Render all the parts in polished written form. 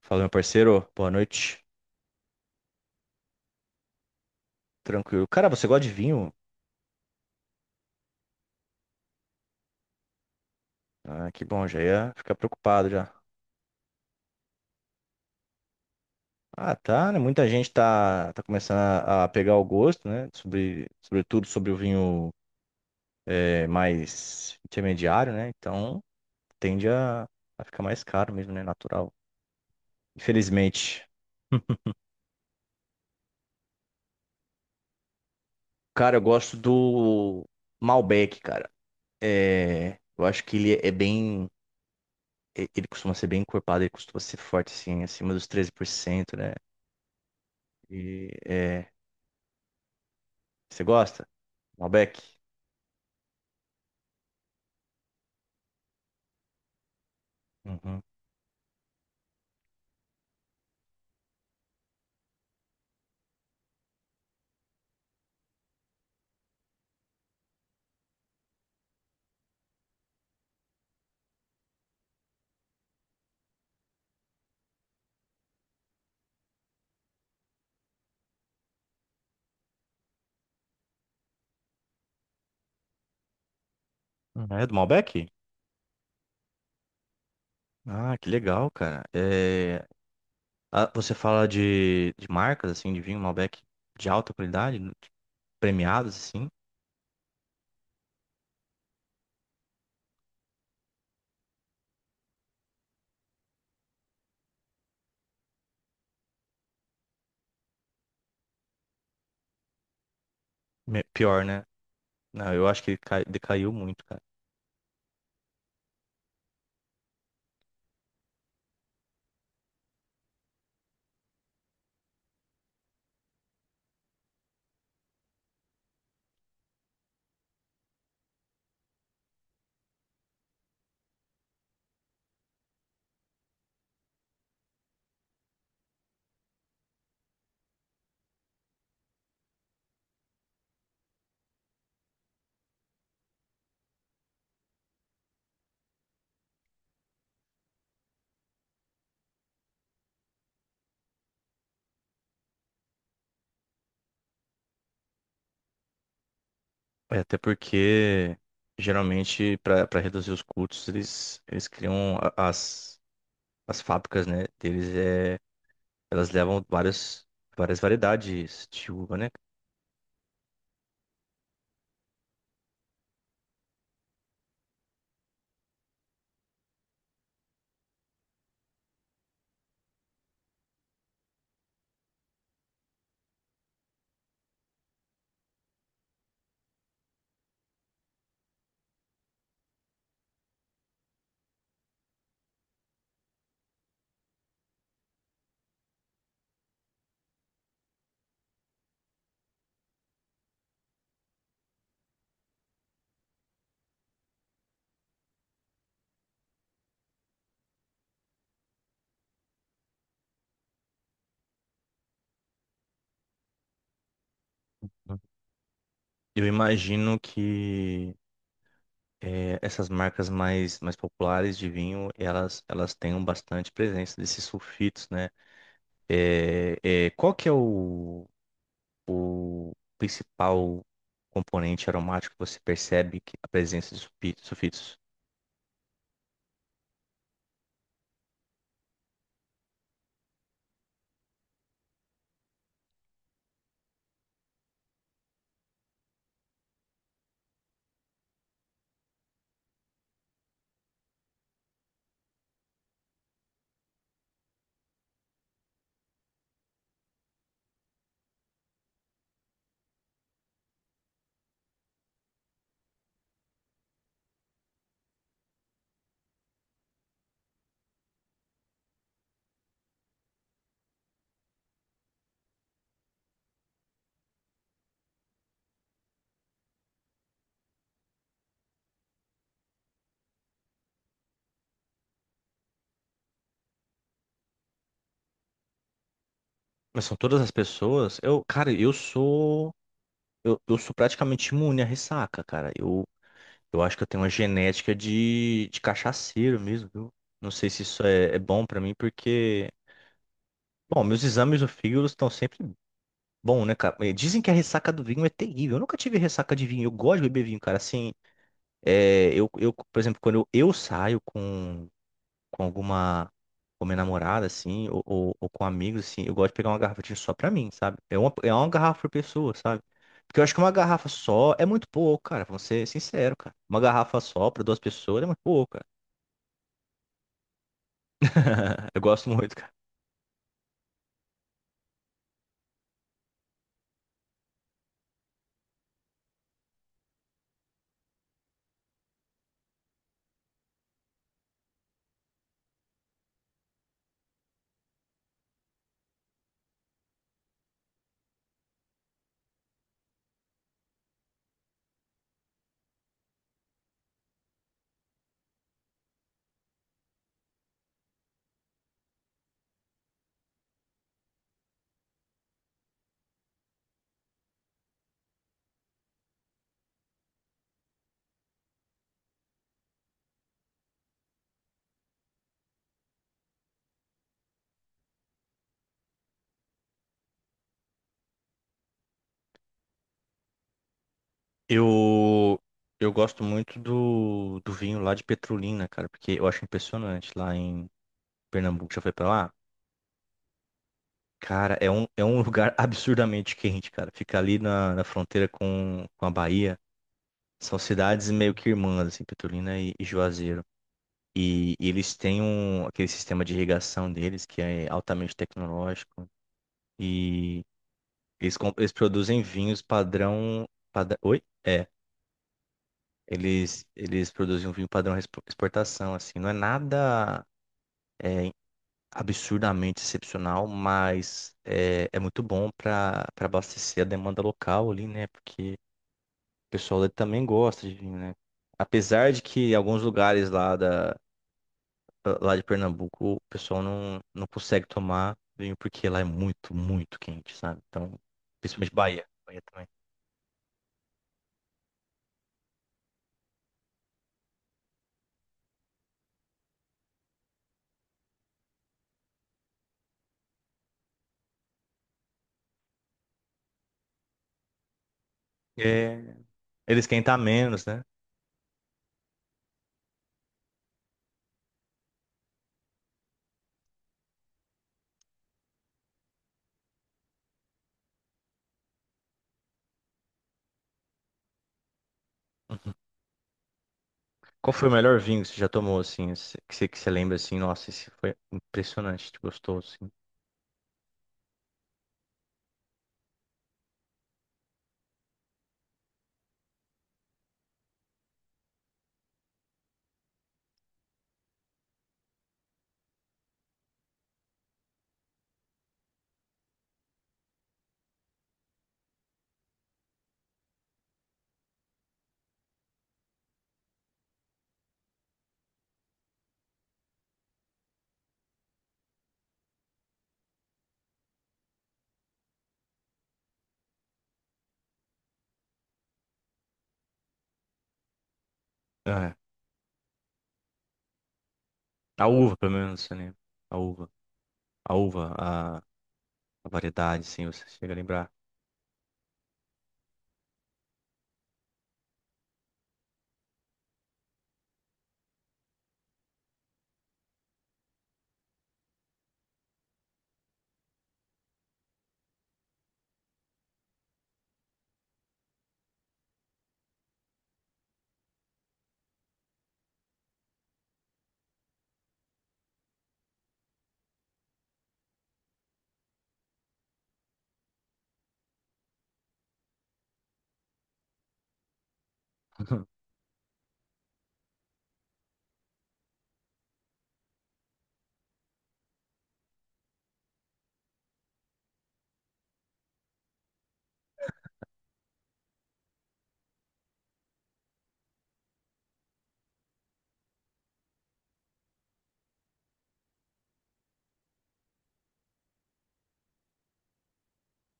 Fala, meu parceiro. Boa noite. Tranquilo. Cara, você gosta de vinho? Ah, que bom, já ia ficar preocupado já. Ah, tá, né? Muita gente tá, começando a pegar o gosto, né? Sobretudo sobre o vinho mais intermediário, né? Então tende a a ficar mais caro mesmo, né? Natural. Infelizmente. Cara, eu gosto do Malbec, cara. É, eu acho que ele é bem. Ele costuma ser bem encorpado, ele costuma ser forte, assim, acima dos 13%, né? E, é, Você gosta? Malbec? Uhum. Ah, é do Malbec? Ah, que legal, cara. É, ah, você fala de marcas, assim, de vinho Malbec de alta qualidade, né? Tipo, premiados, assim? Pior, né? Não, eu acho que decaiu muito, cara. É, até porque, geralmente, para reduzir os custos, eles criam as as fábricas, né? Deles, é, elas levam várias, várias variedades de uva, né? Eu imagino que é, essas marcas mais, populares de vinho, elas têm um bastante presença desses sulfitos, né? Qual que é o principal componente aromático que você percebe que a presença de sulfitos? Mas são todas as pessoas? Eu, cara, eu sou praticamente imune à ressaca, cara. Eu acho que eu tenho uma genética de cachaceiro mesmo, viu? Não sei se isso é bom pra mim, porque... Bom, meus exames do fígado estão sempre bom, né, cara? Dizem que a ressaca do vinho é terrível. Eu nunca tive ressaca de vinho. Eu gosto de beber vinho, cara. Assim, por exemplo, quando eu saio com alguma, com minha namorada, assim, ou com amigos, assim, eu gosto de pegar uma garrafa de vinho só pra mim, sabe? É uma garrafa por pessoa, sabe? Porque eu acho que uma garrafa só é muito pouco, cara. Vou ser sincero, cara. Uma garrafa só pra duas pessoas é muito pouco, cara. Eu gosto muito, cara. Eu, eu gosto muito do vinho lá de Petrolina, cara, porque eu acho impressionante lá em. Pernambuco já foi pra lá? Cara, é um lugar absurdamente quente, cara. Fica ali na fronteira com a Bahia. São cidades meio que irmãs, assim, Petrolina e Juazeiro. E eles têm um, aquele sistema de irrigação deles que é altamente tecnológico. E eles produzem vinhos padrão, padrão. Oi? É. Eles produzem um vinho padrão exportação, assim. Não é nada. É, absurdamente excepcional, mas é muito bom para abastecer a demanda local ali, né? Porque o pessoal ali também gosta de vinho, né? Apesar de que em alguns lugares lá de Pernambuco o pessoal não consegue tomar vinho porque lá é muito, muito quente, sabe? Então, principalmente Bahia, Bahia também. É, eles quentam menos, né? Uhum. Qual foi o melhor vinho que você já tomou, assim, que você lembra, assim, nossa, esse foi impressionante, gostoso, assim. A uva, pelo menos, você lembra. A uva. A uva, a variedade, sim, você chega a lembrar.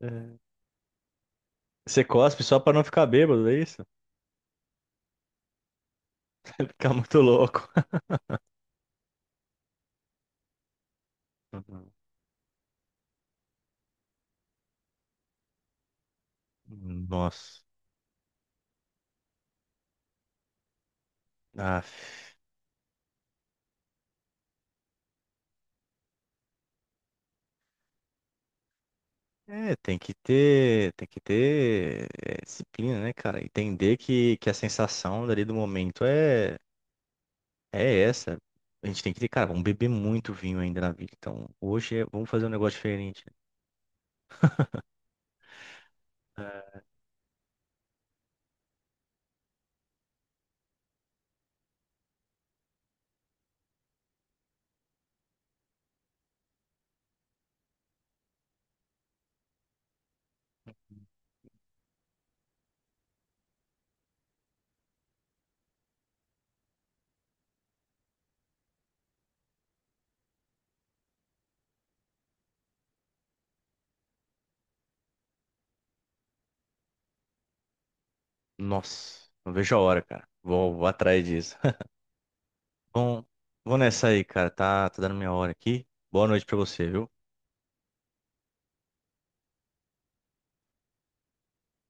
É. Você cospe só pra não ficar bêbado, é isso? Ficar muito louco. Uhum. Nossa. Ah, é, tem que ter é, disciplina, né, cara? Entender que a sensação dali do momento é essa. A gente tem que ter, cara, vamos beber muito vinho ainda na vida. Então, vamos fazer um negócio diferente. É, nossa, não vejo a hora, cara. Vou atrás disso. Bom, vou nessa aí, cara. Tá, tá dando minha hora aqui. Boa noite pra você, viu?